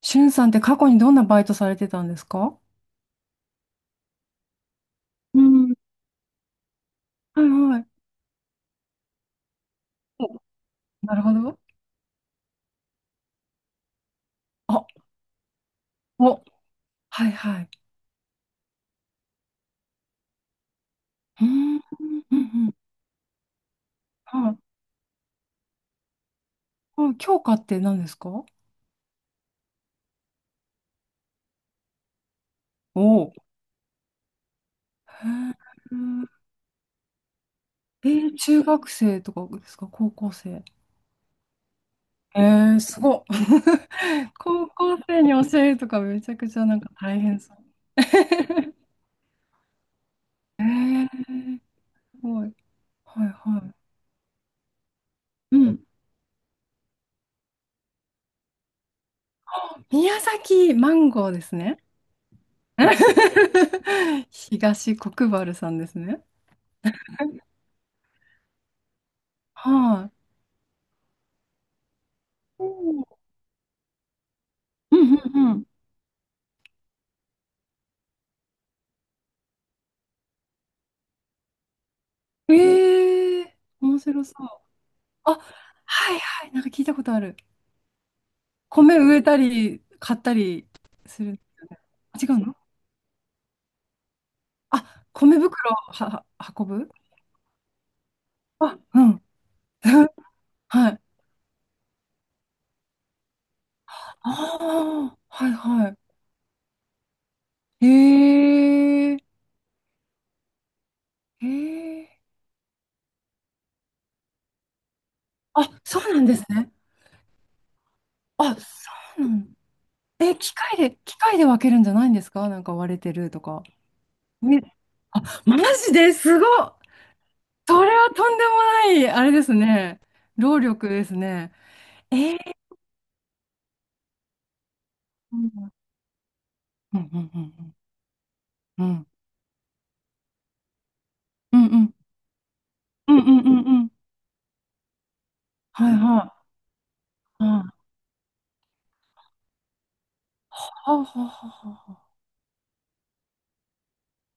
しゅんさんって過去にどんなバイトされてたんですか？うん。はいはい。お、なるほど。あ、お、はいはい。うーん、うんうん。はい。あ、教科って何ですか？お、おー。へー、えー、中学生とかですか？高校生？えー、すごっ。高校生に教えるとかめちゃくちゃなんか大変そう。えー、すごい。はいはい。うん。宮崎マンゴーですね。東国原さんですね。はい。おー、うんうんうん。ええー、面白そう。あ、はいはい、なんか聞いたことある。米植えたり、買ったりするんですよね。あ、違うの？あ、米袋をは、は運ぶ、あ、うん。はい。ああ、はいはい。ええー、ええー。あ、そうなんですね。あ、そうなんだ。え、機械で、機械で分けるんじゃないんですか？なんか割れてるとか。ね、あ、マジですごっ。それはとんでもない、あれですね。労力ですね。えー、うんうんうんうんうんうんうんうんうんうんうん、はいはい、はい、はあはあは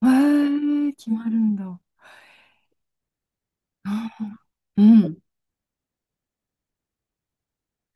あはあ、へえ、決まるんだ。うん、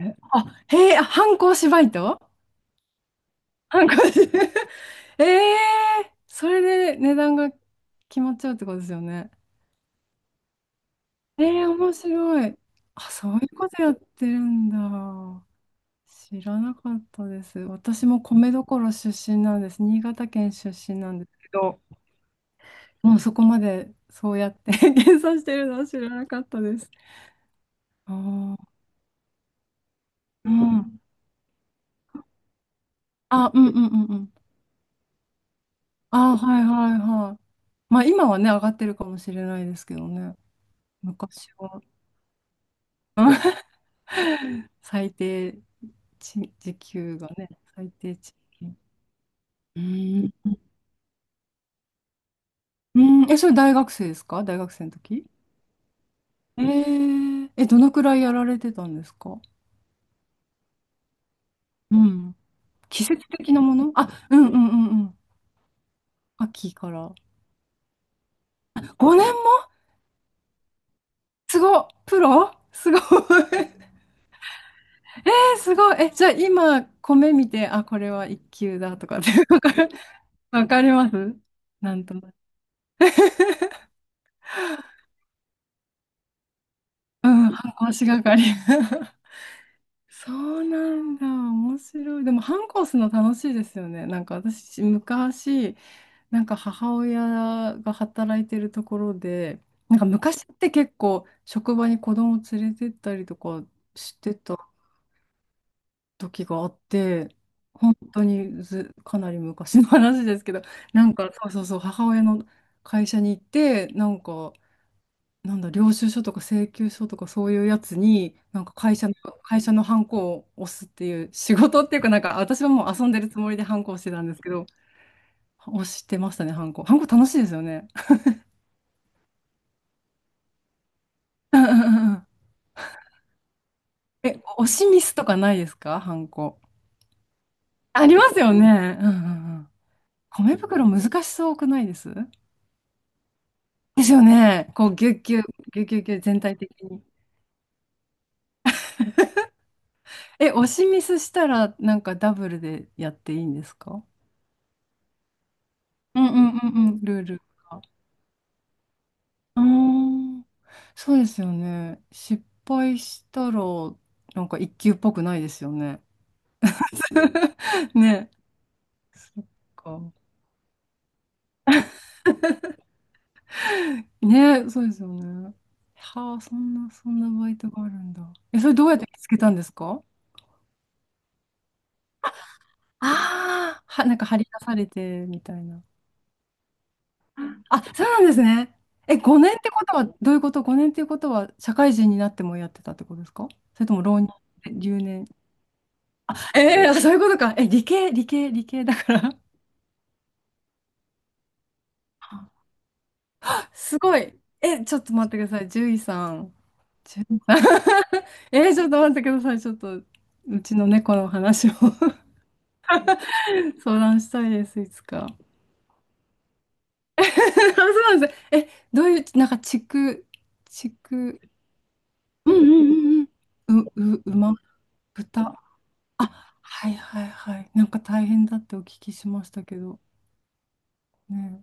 え、あ、へえ、あ、反抗しバイト。反抗し。 ええ、それで値段が決まっちゃうってことですよね？えー、面白い。あ、そういうことやってるんだ。知らなかったです。私も米どころ出身なんです。新潟県出身なんですけど、もうそこまでそうやって 計算してるのは知らなかったです。あー、うん。あ、うんうんうんうん。あ、はいはいはい。まあ今はね、上がってるかもしれないですけどね。昔は。最低賃、時給がね、最低賃金。うん。うん、え、それ大学生ですか？大学生の時？えー、え、どのくらいやられてたんですか？うん。季節的なもの、あ、うんうんうんうん。秋から。5年も？すごっ、プロすごい。え、すごい。え、じゃあ今、米見て、あ、これは一級だとかってわかる、わかります、なんとなく。うん、反抗しがかり。そうなんだ。面白い。でも反抗するの楽しいですよね。なんか私、昔、なんか母親が働いてるところで、なんか昔って結構職場に子供連れてったりとかしてた時があって、本当にず、かなり昔の話ですけど、なんかそうそうそう、母親の会社に行って、なんか、なんだ、領収書とか請求書とかそういうやつに、なんか会社の、会社のハンコを押すっていう仕事っていうか、なんか私はもう遊んでるつもりでハンコをしてたんですけど、押してましたね、ハンコ。ハンコ楽しいですよね。うんうんうんうん。え、押しミスとかないですか？ハンコ。ありますよね。うんうんうん。米袋難しそうくないです？ですよね。こう、ぎゅっぎゅっ、ぎゅっぎゅっぎゅっ、全体的に。え、押しミスしたら、なんかダブルでやっていいんですか？うんうんうんうん。ルールが。うーん。そうですよね。失敗したら、なんか一級っぽくないですよね。ね。そっか。ね、そうですよね。はあ、そんな、そんなバイトがあるんだ。え、それどうやって見つけたんですか？ああー、は、なんか張り出されてみたいな。あ、そうなんですね。え、5年ってことは、どういうこと？ 5 年っていうことは、社会人になってもやってたってことですか？それとも浪人、留年？あ、えー、そういうことか。え、理系、理系、理系だから。すごい。え、ちょっと待ってください。獣医さん。獣医さん。 えー、ちょっと待ってください。ちょっと、うちの猫の話を相談したいです、いつか。あ、そうなんです。え、どういう、なんか、地区、地区、うんうんうんうん。う、う、馬、豚。あ、はいはいはい。なんか大変だってお聞きしましたけど。ね。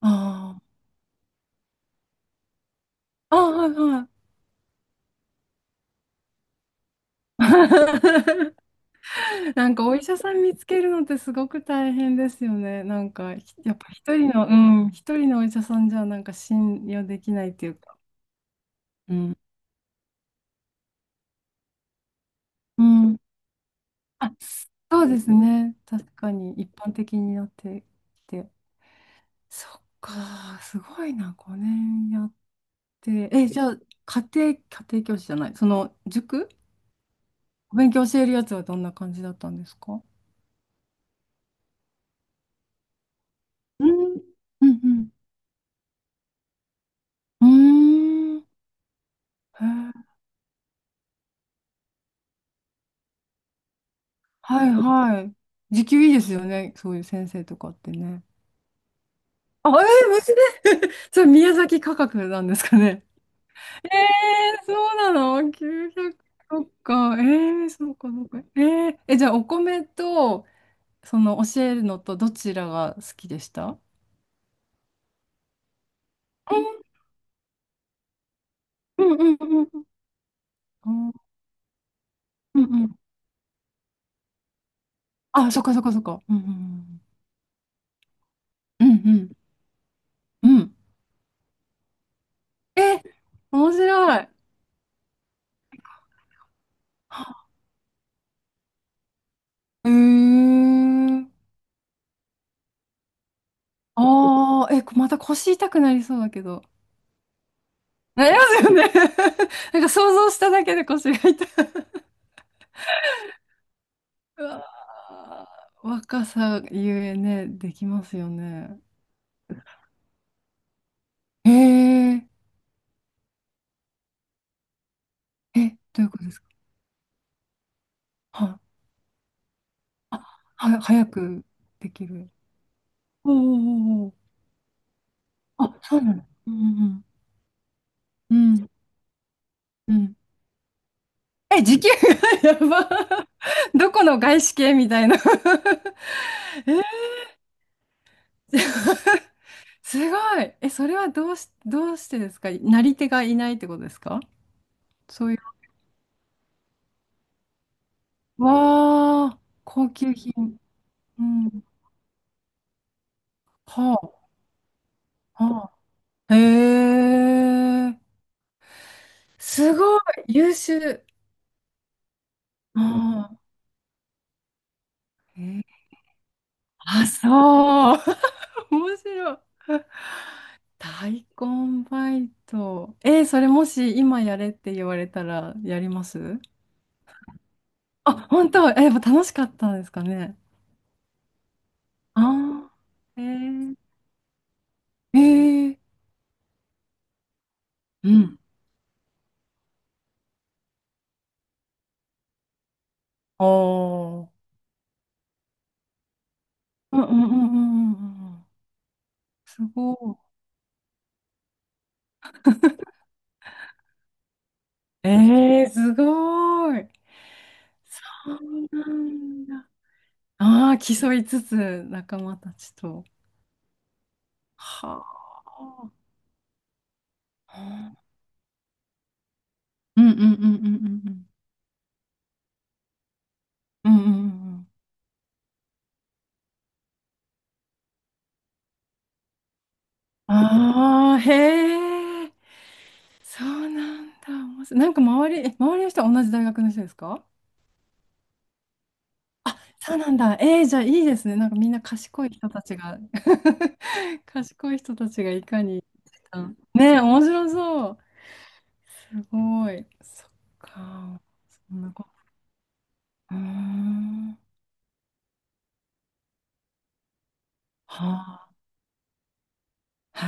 ああ。ああ、はいはい。なんかお医者さん見つけるのってすごく大変ですよね。なんか、ひ、やっぱ一人の、うん、一人のお医者さんじゃなんか信用できないっていうか。うん。うん、あ、そうですね。確かに一般的になってきて。そっか、すごいな、5年やって。え、じゃあ、家庭、家庭教師じゃない、その塾、お勉強教えるやつはどんな感じだったんですか？うんうんうん。うーん。へー、はいはい。時給いいですよね、そういう先生とかってね。あ、えー、無事で、 それ宮崎価格なんですかね。えー、そうなの？ 900？ そっか。えー、そうか、そうか。えー、え、じゃあ、お米と、その、教えるのと、どちらが好きでした？うんうんうんうんうんうん。あ、そっかそっかそっか。うんうんうん。うんうん。うん、え、面白い。うーん、ああ、え、また腰痛くなりそうだけど。なりますよね。なんか想像しただけで腰が痛い。うわー、若さゆえね、できますよね。ええ、え、どういうことですか？はい。あ、は、早くできる。おおおお。あ、そうなの。うんうんうん。うん、え、時給が、 やば。どこの外資系みたいな。 え、すごい。え、それはどうし、どうしてですか？なり手がいないってことですか？そういう。わあ、高級品。うん。はあ。はあ、へえ、すごい、優秀。あー、へー、あ、そう。面白い。大根バイト。えー、それもし今やれって言われたらやります？あ、本当、えー、やっぱ楽しかったんですかね。ああ、えー、えー、うん。おー。うんうんうんうんうんうんうん。すごい。えー、すごい。そうなんだ。ああ、競いつつ仲間たちと。はあ。うんうんうんうんうんうん。うんうんうん、ああ、へえ。そうなんだ。面白い。なんか周り、え、周りの人は同じ大学の人ですか？あ、そうなんだ。えー、じゃあいいですね。なんかみんな賢い人たちが、 賢い人たちがいかに。うん、ねえ、面白そう。すごい。そっか。そんなこと。うーん。は、へ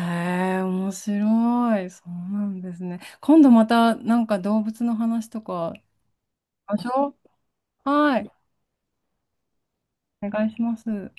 え、面白い。そうなんですね。今度またなんか動物の話とかしましょう。はい。お願いします。